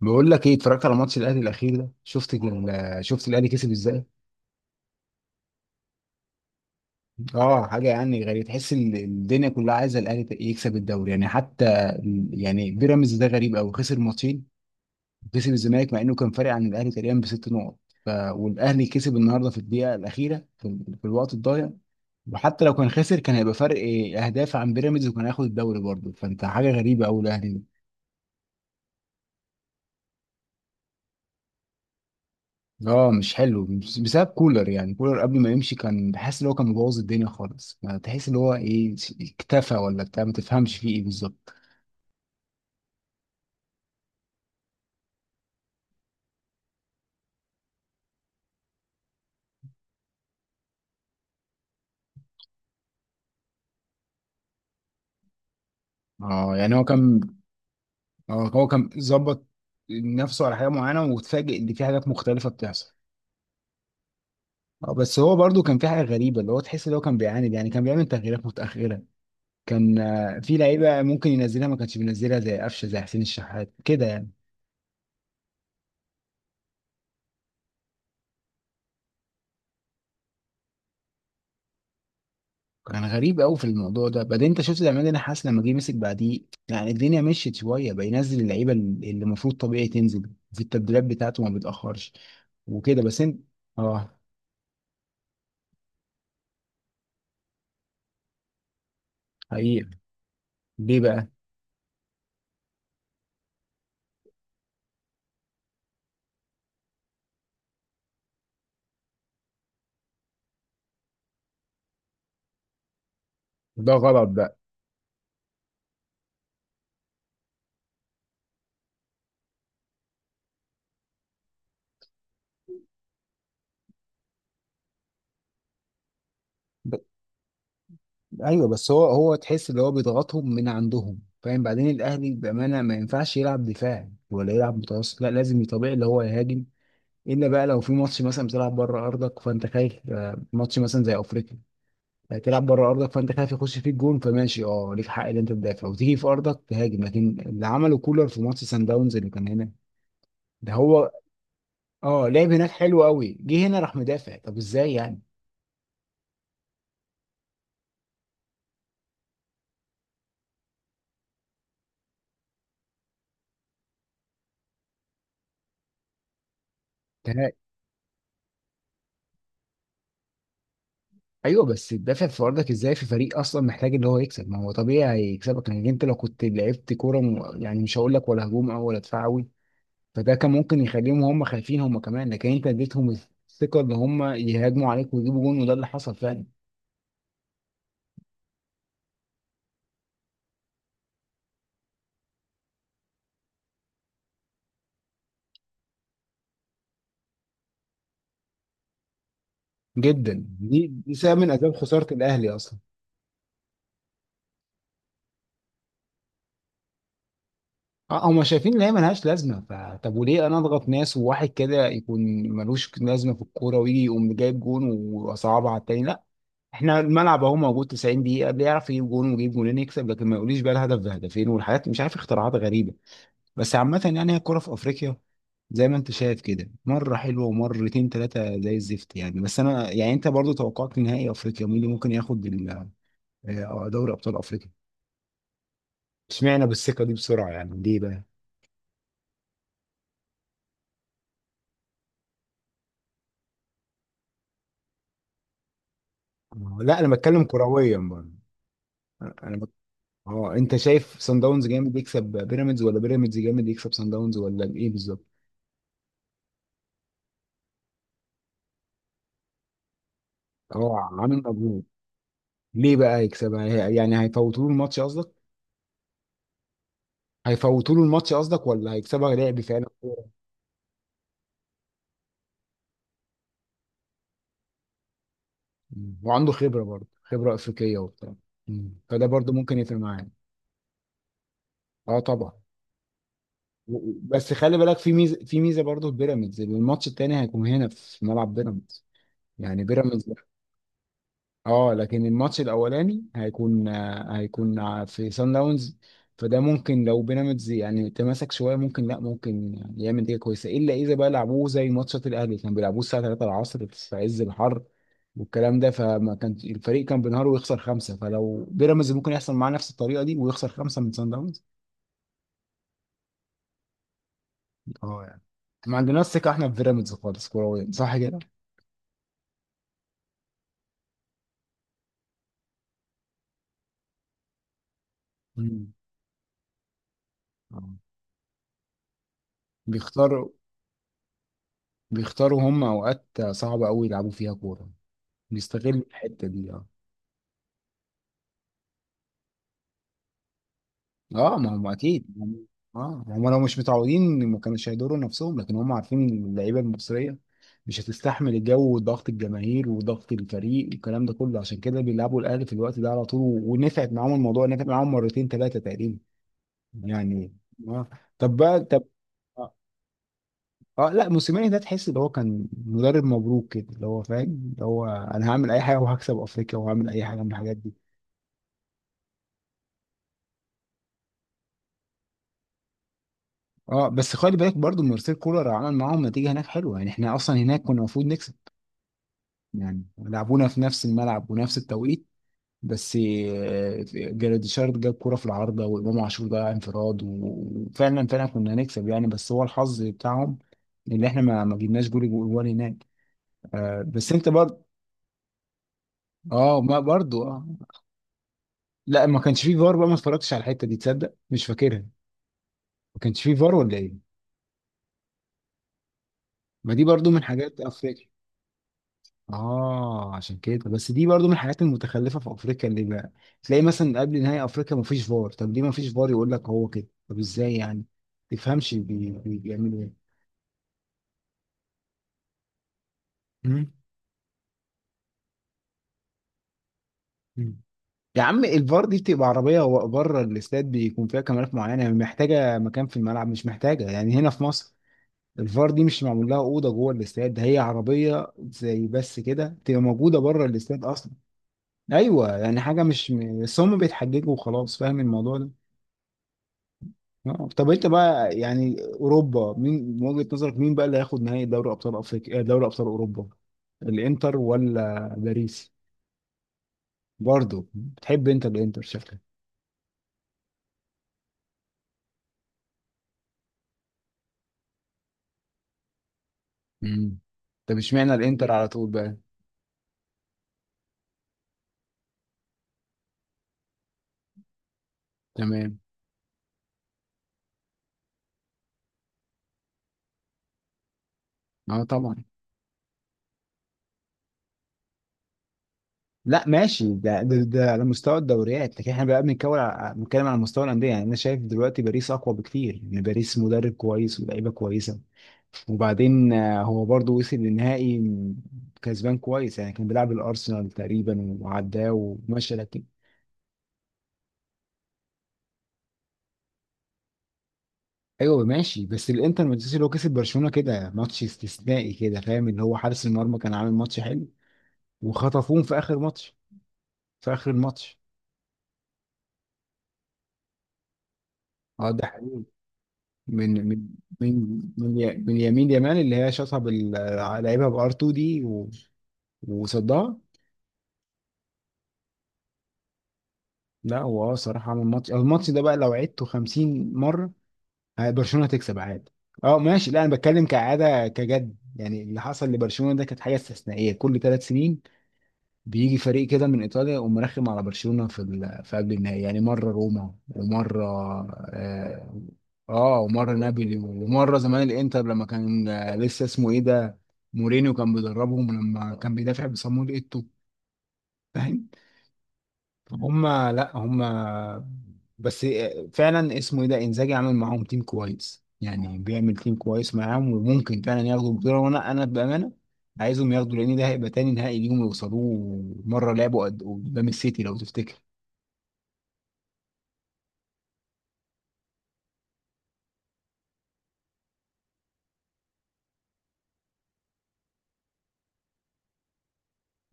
بقول لك ايه، اتفرجت على ماتش الاهلي الاخير ده؟ شفت شفت الاهلي كسب ازاي. اه، حاجه يعني غريبه، تحس الدنيا كلها عايزه الاهلي يكسب الدوري. يعني حتى بيراميدز ده غريب قوي، خسر ماتشين وكسب الزمالك مع انه كان فارق عن الاهلي تقريبا بست نقط. والاهلي كسب النهارده في الدقيقه الاخيره، في الوقت الضايع. وحتى لو كان خسر كان هيبقى فرق إيه، اهداف عن بيراميدز، وكان هياخد الدوري برضه. فانت حاجه غريبه قوي الاهلي. اه مش حلو بسبب كولر. يعني كولر قبل ما يمشي كان بحس ان هو كان مبوظ الدنيا خالص، ما تحس ان هو ايه، اكتفى ولا بتاع، ما تفهمش فيه ايه بالظبط. اه يعني هو كان، اه هو كان ظبط نفسه على حاجه معينه وتفاجئ ان في حاجات مختلفه بتحصل. اه بس هو برضو كان في حاجه غريبه، اللي هو تحس ان هو كان بيعاند، يعني كان بيعمل تغييرات متاخره. كان في لعيبه ممكن ينزلها ما كانش بينزلها، زي قفشه زي حسين الشحات كده يعني. كان غريب قوي في الموضوع ده. بعدين انت شفت العماد، انا حاسس لما جه مسك بعديه يعني، الدنيا مشيت شويه، بقى ينزل اللعيبه اللي المفروض طبيعي تنزل في التبديلات بتاعته، ما بيتاخرش وكده. بس انت، اه، حقيقي. ليه بقى؟ ده غلط بقى. ب... ايوه بس هو تحس اللي هو بيضغطهم من عندهم، فاهم؟ بعدين الاهلي بامانه ما ينفعش يلعب دفاع ولا يلعب متوسط، لا لازم طبيعي اللي هو يهاجم. الا بقى لو في ماتش مثلا بتلعب بره ارضك فانت خايف، ماتش مثلا زي افريقيا، تلعب بره ارضك فانت خايف يخش فيك جون، فماشي، اه ليك حق ان انت تدافع وتيجي في ارضك تهاجم. لكن اللي عمله كولر في ماتش سان داونز اللي كان هنا، ده هو، اه لعب هناك حلو قوي، جه هنا راح مدافع. طب ازاي يعني؟ ده- ايوه بس تدافع في ارضك ازاي في فريق اصلا محتاج ان هو يكسب؟ ما هو طبيعي هيكسبك. لان انت لو كنت لعبت كوره يعني مش هقول لك ولا هجوم او ولا دفاع قوي، فده كان ممكن يخليهم هم خايفين هم كمان. لكن انت اديتهم الثقه ان هم يهاجموا عليك ويجيبوا جون، وده اللي حصل فعلا. جدا، دي سبب من اسباب خساره الاهلي اصلا. اه هم شايفين ان هي ملهاش لازمه. فطب وليه انا اضغط ناس وواحد كده يكون ملوش لازمه في الكوره، ويجي يقوم جايب جون وصعبها على التاني؟ لا، احنا الملعب اهو موجود 90 دقيقه، اللي يعرف يجيب جون ويجيب جونين يكسب. لكن ما يقوليش بقى الهدف بهدفين والحاجات مش عارف اختراعات غريبه. بس عامه يعني هي الكوره في افريقيا زي ما انت شايف كده، مره حلوه ومرتين ثلاثه زي الزفت يعني. بس انا يعني انت برضو توقعت نهائي افريقيا مين اللي ممكن ياخد دوري ابطال افريقيا؟ اشمعنى بالثقه دي بسرعه يعني؟ ليه بقى؟ لا انا بتكلم كرويا برضه. انا بك... اه انت شايف سان داونز جامد يكسب بيراميدز، ولا بيراميدز جامد يكسب سان داونز، ولا ايه بالظبط؟ اه عامل مجهود. ليه بقى يكسبها؟ يعني هيفوتوا له الماتش قصدك؟ هيفوتوا له الماتش قصدك، ولا هيكسبها لعب فعلا كوره؟ مم. وعنده خبره برضه، خبره افريقيه وبتاع. مم. فده برضه ممكن يفرق معاه. اه طبعا. بس خلي بالك في ميزه، في ميزه برضه في بيراميدز، الماتش التاني هيكون هنا في ملعب بيراميدز، يعني بيراميدز. اه، لكن الماتش الاولاني هيكون في سان داونز. فده ممكن لو بيراميدز يعني تماسك شويه ممكن، لا ممكن يعني يعمل نتيجه كويسه، الا اذا بقى لعبوه زي ماتشات الاهلي كان بيلعبوه الساعه 3 العصر في عز الحر والكلام ده، فما كان الفريق كان بينهار ويخسر خمسه. فلو بيراميدز ممكن يحصل معاه نفس الطريقه دي ويخسر خمسه من سان داونز. اه يعني ما عندناش ثقه احنا في بيراميدز خالص كرويا، صح كده؟ مم. آه. بيختاروا، بيختاروا هم اوقات صعبه قوي يلعبوا فيها كوره، بيستغلوا الحتة دي، اه. اه ما هم اكيد اه ما هم لو مش متعودين ما كانوش هيضروا نفسهم، لكن هم عارفين ان اللعيبه المصريه مش هتستحمل الجو وضغط الجماهير وضغط الفريق والكلام ده كله، عشان كده بيلعبوا الاهلي في الوقت ده على طول، ونفعت معاهم الموضوع، نفع معاهم مرتين ثلاثه تقريبا يعني. اه، طب بقى طب. اه، لا موسيماني ده تحس ان هو كان مدرب مبروك كده، اللي هو فاهم اللي هو انا هعمل اي حاجه وهكسب افريقيا، وهعمل اي حاجه من الحاجات دي. اه بس خلي بالك برضو مارسيل كولر عمل معاهم نتيجه هناك حلوه، يعني احنا اصلا هناك كنا المفروض نكسب، يعني لعبونا في نفس الملعب ونفس التوقيت. بس جراديشار جاب كوره في العارضه، وامام عاشور ضيع انفراد وفعلا فعلا كنا هنكسب يعني. بس هو الحظ بتاعهم، اللي احنا ما جبناش جول جول هناك. آه بس انت برضو، اه ما برضو اه. لا ما كانش فيه فار بقى، ما اتفرجتش على الحته دي، تصدق مش فاكرها، ما كانش فيه فار ولا ايه؟ ما دي برضو من حاجات افريقيا. اه عشان كده، بس دي برضو من الحاجات المتخلفه في افريقيا، اللي بقى تلاقي مثلا قبل نهائي افريقيا مفيش فار. طب ليه مفيش فار؟ يقول لك هو كده. طب ازاي يعني؟ تفهمش بيعملوا ايه. مم. مم. يا عم الفار دي بتبقى عربيه بره الاستاد، بيكون فيها كاميرات معينه، يعني محتاجه مكان في الملعب، مش محتاجه يعني هنا في مصر، الفار دي مش معمول لها اوضه جوه الاستاد، ده هي عربيه زي بس كده تبقى موجوده بره الاستاد اصلا. ايوه يعني حاجه مش. بس هم بيتحججوا وخلاص، فاهم الموضوع ده. طب انت بقى يعني اوروبا، مين من وجهة نظرك، مين بقى اللي هياخد نهائي دوري ابطال افريقيا دوري ابطال اوروبا؟ الانتر ولا باريس؟ برضو بتحب انت الانتر شكلك. امم. طب اشمعنى الانتر على طول بقى؟ تمام. اه طبعا. لا ماشي، ده على مستوى الدوريات، لكن احنا بقى بنتكلم على، بنتكلم على مستوى الانديه. يعني انا شايف دلوقتي باريس اقوى بكتير يعني، باريس مدرب كويس ولاعيبه كويسه، وبعدين هو برضو وصل للنهائي كسبان كويس يعني، كان بيلعب الارسنال تقريبا وعداه وماشي، لكن ايوه ماشي. بس الانتر مانchester اللي هو كسب برشلونه كده، ماتش استثنائي كده، فاهم؟ اللي هو حارس المرمى كان عامل ماتش حلو، وخطفوهم في اخر ماتش، في اخر الماتش. اه، ده من من، من من يمين يمان اللي هي شاطها بال، لعيبها بار 2 دي وصدها. لا هو اه صراحه عمل ماتش، الماتش ده بقى لو عدته 50 مره، برشلونه هتكسب عادي. اه ماشي. لا انا بتكلم كعاده، كجد يعني، اللي حصل لبرشلونه ده كانت حاجه استثنائيه. كل ثلاث سنين بيجي فريق كده من ايطاليا يقوم مرخم على برشلونه في قبل النهائي يعني. مره روما ومره آه، اه ومره نابولي، ومره زمان الانتر لما كان، لسه اسمه ايه ده، مورينيو كان بيدربهم، لما كان بيدافع بصامويل ايتو، فاهم؟ هم لا هم بس فعلا اسمه ايه ده، انزاجي، عامل معاهم تيم كويس يعني، بيعمل تيم كويس معاهم، وممكن فعلا ياخدوا البطوله. وانا انا بامانه عايزهم ياخدوا، لان ده هيبقى تاني نهائي ليهم يوصلوه، مره لعبوا قدام السيتي لو تفتكر.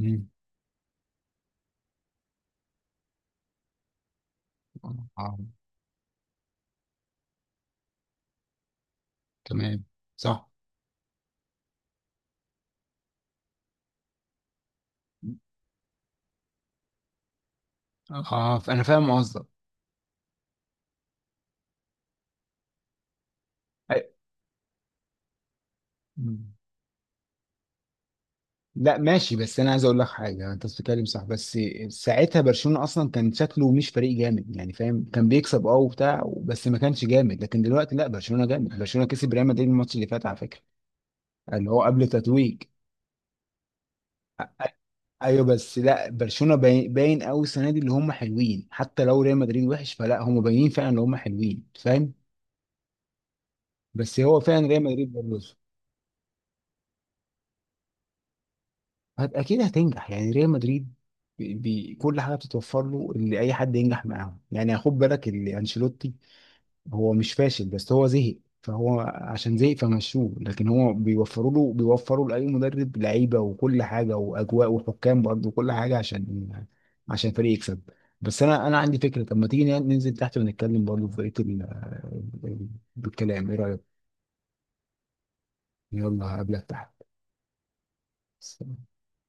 مم. آه، تمام. صح. فأنا فاهم قصدك. أي- لا ماشي بس انا عايز اقول لك حاجه، انت بتتكلم صح، بس ساعتها برشلونه اصلا كان شكله مش فريق جامد يعني، فاهم، كان بيكسب اه وبتاع، بس ما كانش جامد. لكن دلوقتي لا، برشلونه جامد، برشلونه كسب ريال مدريد الماتش اللي فات على فكره، اللي هو قبل تتويج. ايوه بس لا برشلونه باين قوي السنه دي، اللي هم حلوين، حتى لو ريال مدريد وحش، فلا هم باينين فعلا ان هم حلوين، فاهم. بس هو فعلا ريال مدريد برضه. اكيد هتنجح يعني ريال مدريد، بي كل حاجه بتتوفر له، اللي اي حد ينجح معاهم يعني. خد بالك اللي انشيلوتي، هو مش فاشل بس هو زهق، فهو عشان زهق فمشوه، لكن هو بيوفروا له، بيوفروا لاي مدرب لعيبه وكل حاجه واجواء وحكام برضه وكل حاجه، عشان عشان الفريق يكسب. بس انا عندي فكره، طب ما تيجي ننزل تحت ونتكلم برضه في بقيه ال- بالكلام، ايه رايك؟ يلا هقابلك تحت.